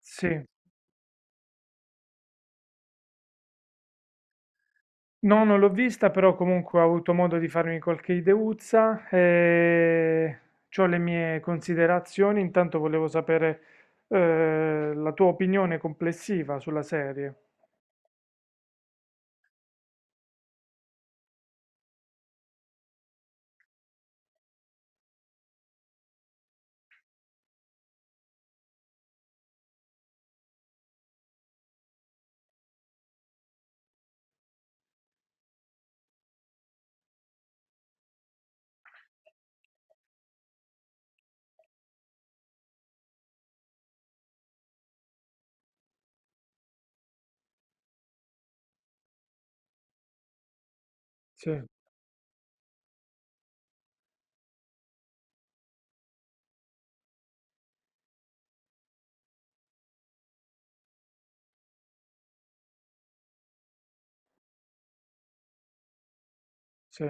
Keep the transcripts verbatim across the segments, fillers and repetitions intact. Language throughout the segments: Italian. Sì. No, non l'ho vista, però comunque ho avuto modo di farmi qualche ideuzza e c'ho le mie considerazioni. Intanto volevo sapere eh, la tua opinione complessiva sulla serie. Sì, sì,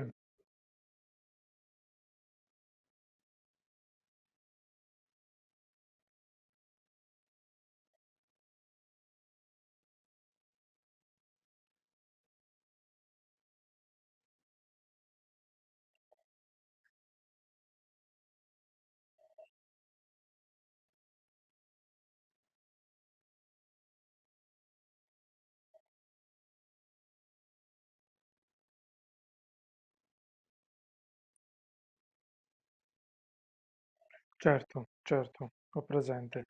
certo, certo, ho presente.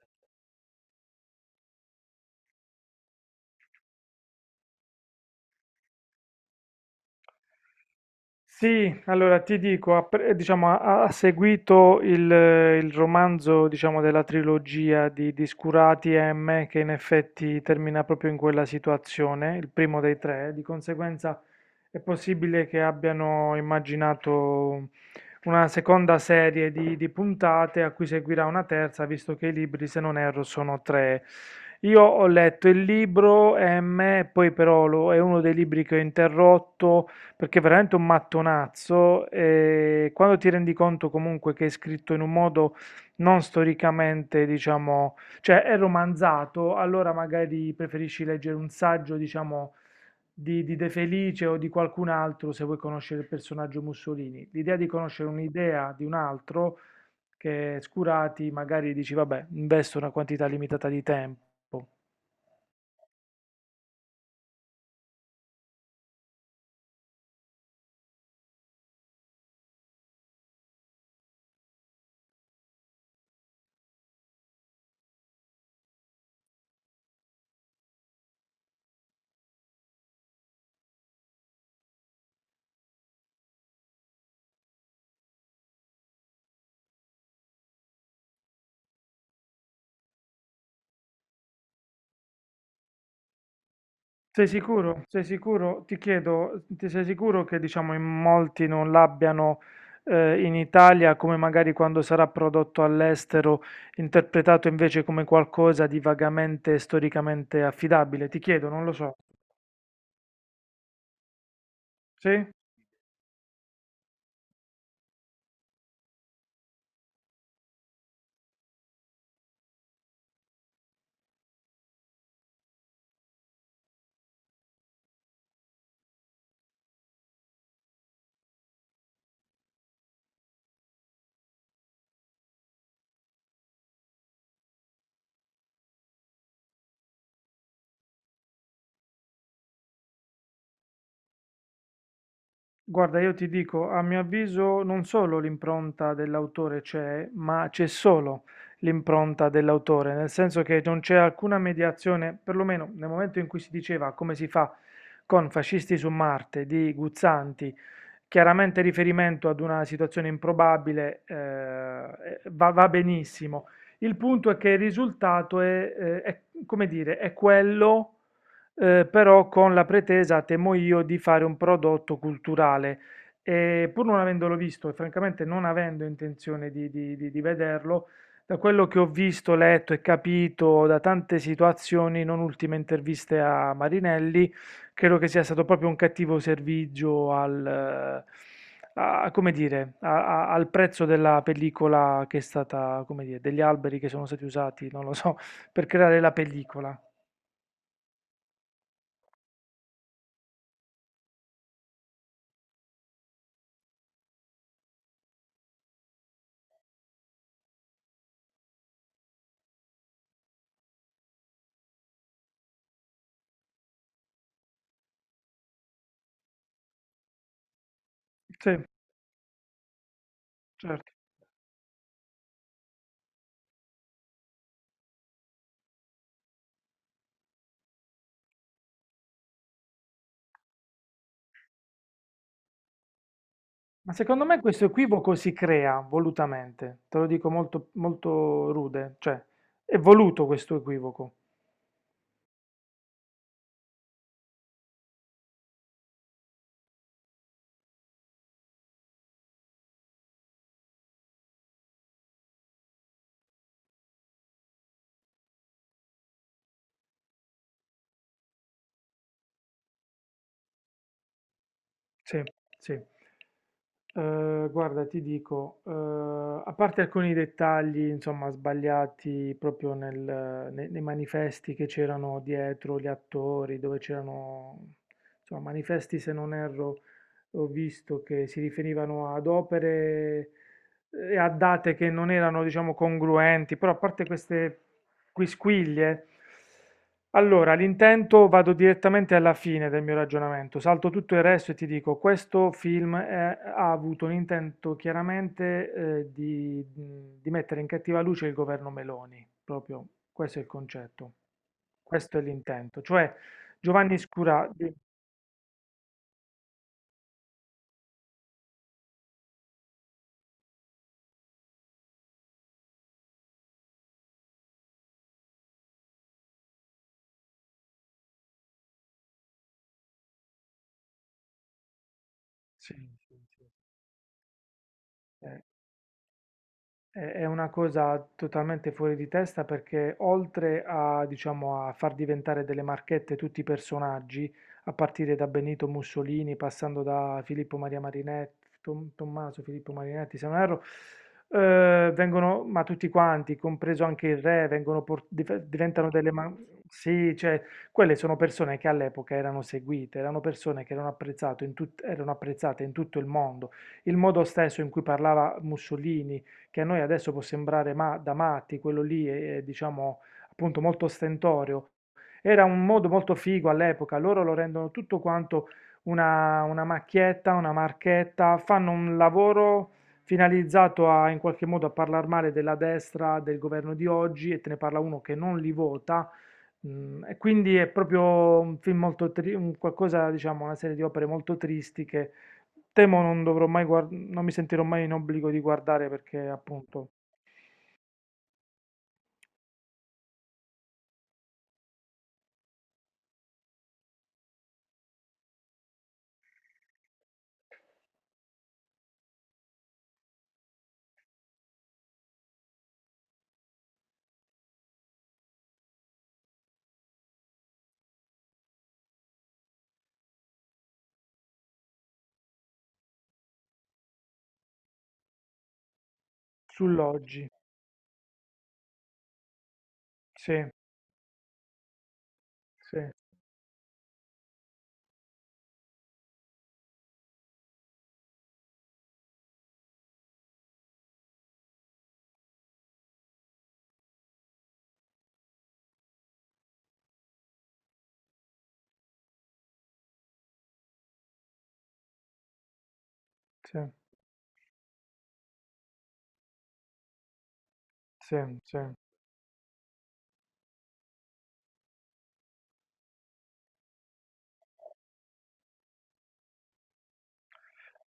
Sì, allora ti dico, ha, pre- diciamo, ha- ha seguito il, eh, il romanzo, diciamo, della trilogia di, di Scurati e M, che in effetti termina proprio in quella situazione, il primo dei tre, di conseguenza è possibile che abbiano immaginato una seconda serie di, di puntate a cui seguirà una terza, visto che i libri, se non erro, sono tre. Io ho letto il libro M, poi però lo- è uno dei libri che ho interrotto perché è veramente un mattonazzo e quando ti rendi conto comunque che è scritto in un modo non storicamente, diciamo, cioè è romanzato, allora magari preferisci leggere un saggio, diciamo, di, di De Felice o di qualcun altro se vuoi conoscere il personaggio Mussolini. L'idea di conoscere un'idea di un altro che Scurati magari dici, vabbè, investo una quantità limitata di tempo. Sei sicuro? Sei sicuro? Ti chiedo, ti sei sicuro che diciamo in molti non l'abbiano eh, in Italia come magari quando sarà prodotto all'estero, interpretato invece come qualcosa di vagamente storicamente affidabile? Ti chiedo, non lo so. Sì? Guarda, io ti dico, a mio avviso non solo l'impronta dell'autore c'è, ma c'è solo l'impronta dell'autore, nel senso che non c'è alcuna mediazione, perlomeno nel momento in cui si diceva come si fa con Fascisti su Marte di Guzzanti, chiaramente riferimento ad una situazione improbabile, eh, eh, va, va benissimo. Il punto è che il risultato è, eh, è, come dire, è quello eh, però con la pretesa, temo io, di fare un prodotto culturale. E pur non avendolo visto e francamente non avendo intenzione di, di- di- di vederlo, da quello che ho visto, letto e capito da tante situazioni, non ultime interviste a Marinelli, credo che sia stato proprio un cattivo servizio al, eh, a- come dire, a- a- al prezzo della pellicola che è stata, come dire, degli alberi che sono stati usati, non lo so, per creare la pellicola. Sì, certo. Ma secondo me questo equivoco si crea volutamente, te lo dico molto, molto rude, cioè è voluto questo equivoco. Sì, sì. Ehm, guarda, ti dico, ehm, a parte alcuni dettagli, insomma, sbagliati proprio nel ne nei manifesti che c'erano dietro gli attori, dove c'erano, insomma, manifesti, se non erro, ho visto che si riferivano ad opere e a date che non erano, diciamo, congruenti, però a parte queste quisquilie? Allora, l'intento, vado direttamente alla fine del mio ragionamento, salto tutto il resto e ti dico, questo film è- ha avuto un intento chiaramente eh, di, di mettere in cattiva luce il governo Meloni, proprio questo è il concetto, questo è l'intento, cioè Giovanni Scura... di- Sì, sì, sì. Eh, È è una cosa totalmente fuori di testa perché, oltre a, diciamo, a far diventare delle marchette tutti i personaggi, a partire da Benito Mussolini, passando da Filippo Maria Marinetti, Tom- Tommaso Filippo Marinetti, se non erro, eh, vengono, ma tutti quanti, compreso anche il re, vengono por- div- diventano delle... ma- Sì, cioè, quelle sono persone che all'epoca erano seguite, erano persone che erano apprezzato in tut- erano apprezzate in tutto il mondo. Il modo stesso in cui parlava Mussolini, che a noi adesso può sembrare ma- da matti, quello lì è, è, diciamo, appunto, molto ostentorio. Era un modo molto figo all'epoca, loro lo rendono tutto quanto una, una macchietta, una marchetta, fanno un lavoro finalizzato a, in qualche modo, a parlare male della destra, del governo di oggi, e te ne parla uno che non li vota. Mm, e quindi è proprio un film molto tri- un qualcosa, diciamo, una serie di opere molto tristi che temo non dovrò mai guard- non mi sentirò mai in obbligo di guardare, perché appunto sull'oggi. Sì, sì, sì, sì, sì.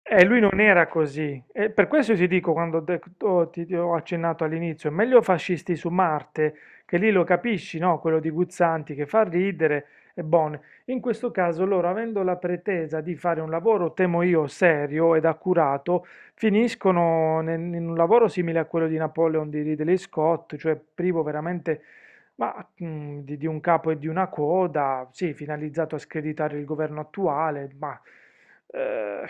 E lui non era così. E per questo ti dico, quando ho detto- ti, ti ho accennato all'inizio, è meglio Fascisti su Marte, che lì lo capisci, no? Quello di Guzzanti che fa ridere, e buono. In questo caso loro, avendo la pretesa di fare un lavoro, temo io, serio ed accurato, finiscono nel- in un lavoro simile a quello di Napoleon di Ridley Scott, cioè privo veramente ma, mm, di, di un capo e di una coda, sì, finalizzato a screditare il governo attuale, ma... Ehm,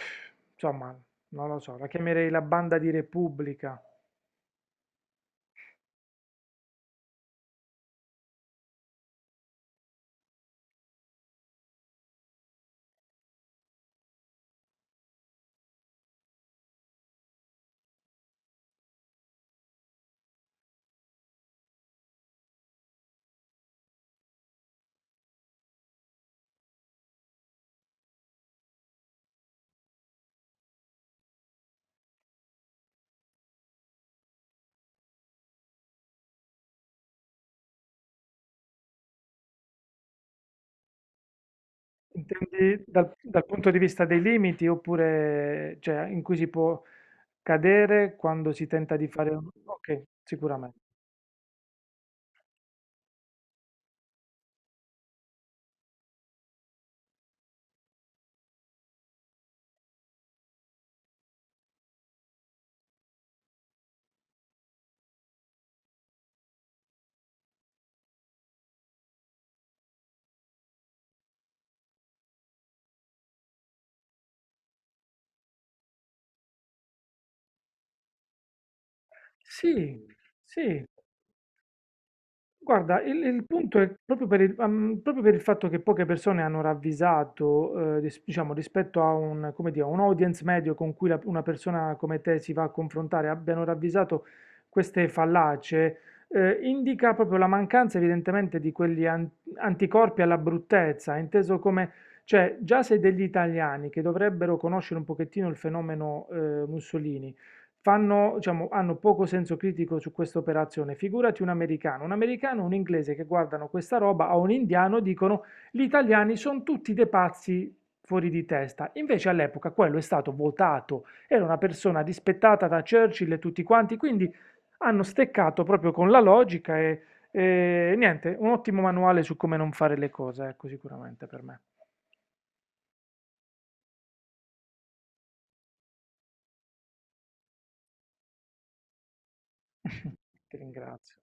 insomma, non lo so, la chiamerei la banda di Repubblica. Intendi dal, dal punto di vista dei limiti, oppure, cioè, in cui si può cadere quando si tenta di fare un... Ok, sicuramente. Sì, sì, guarda, il, il punto è proprio per il, am- proprio per il fatto che poche persone hanno ravvisato, eh, ris- diciamo, rispetto a un, come dire, un audience medio con cui la- una persona come te si va a confrontare, abbiano ravvisato queste fallacie, eh, indica proprio la mancanza evidentemente di quegli an- anticorpi alla bruttezza, inteso come, cioè, già se degli italiani che dovrebbero conoscere un pochettino il fenomeno, eh, Mussolini, fanno, diciamo, hanno poco senso critico su questa operazione. Figurati un americano, un americano, un inglese che guardano questa roba, o un indiano dicono gli italiani sono tutti dei pazzi fuori di testa. Invece all'epoca quello è stato votato, era una persona rispettata da Churchill e tutti quanti, quindi hanno steccato proprio con la logica e, e niente, un ottimo manuale su come non fare le cose, ecco, sicuramente per me. Ti ringrazio.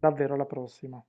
Davvero, alla prossima.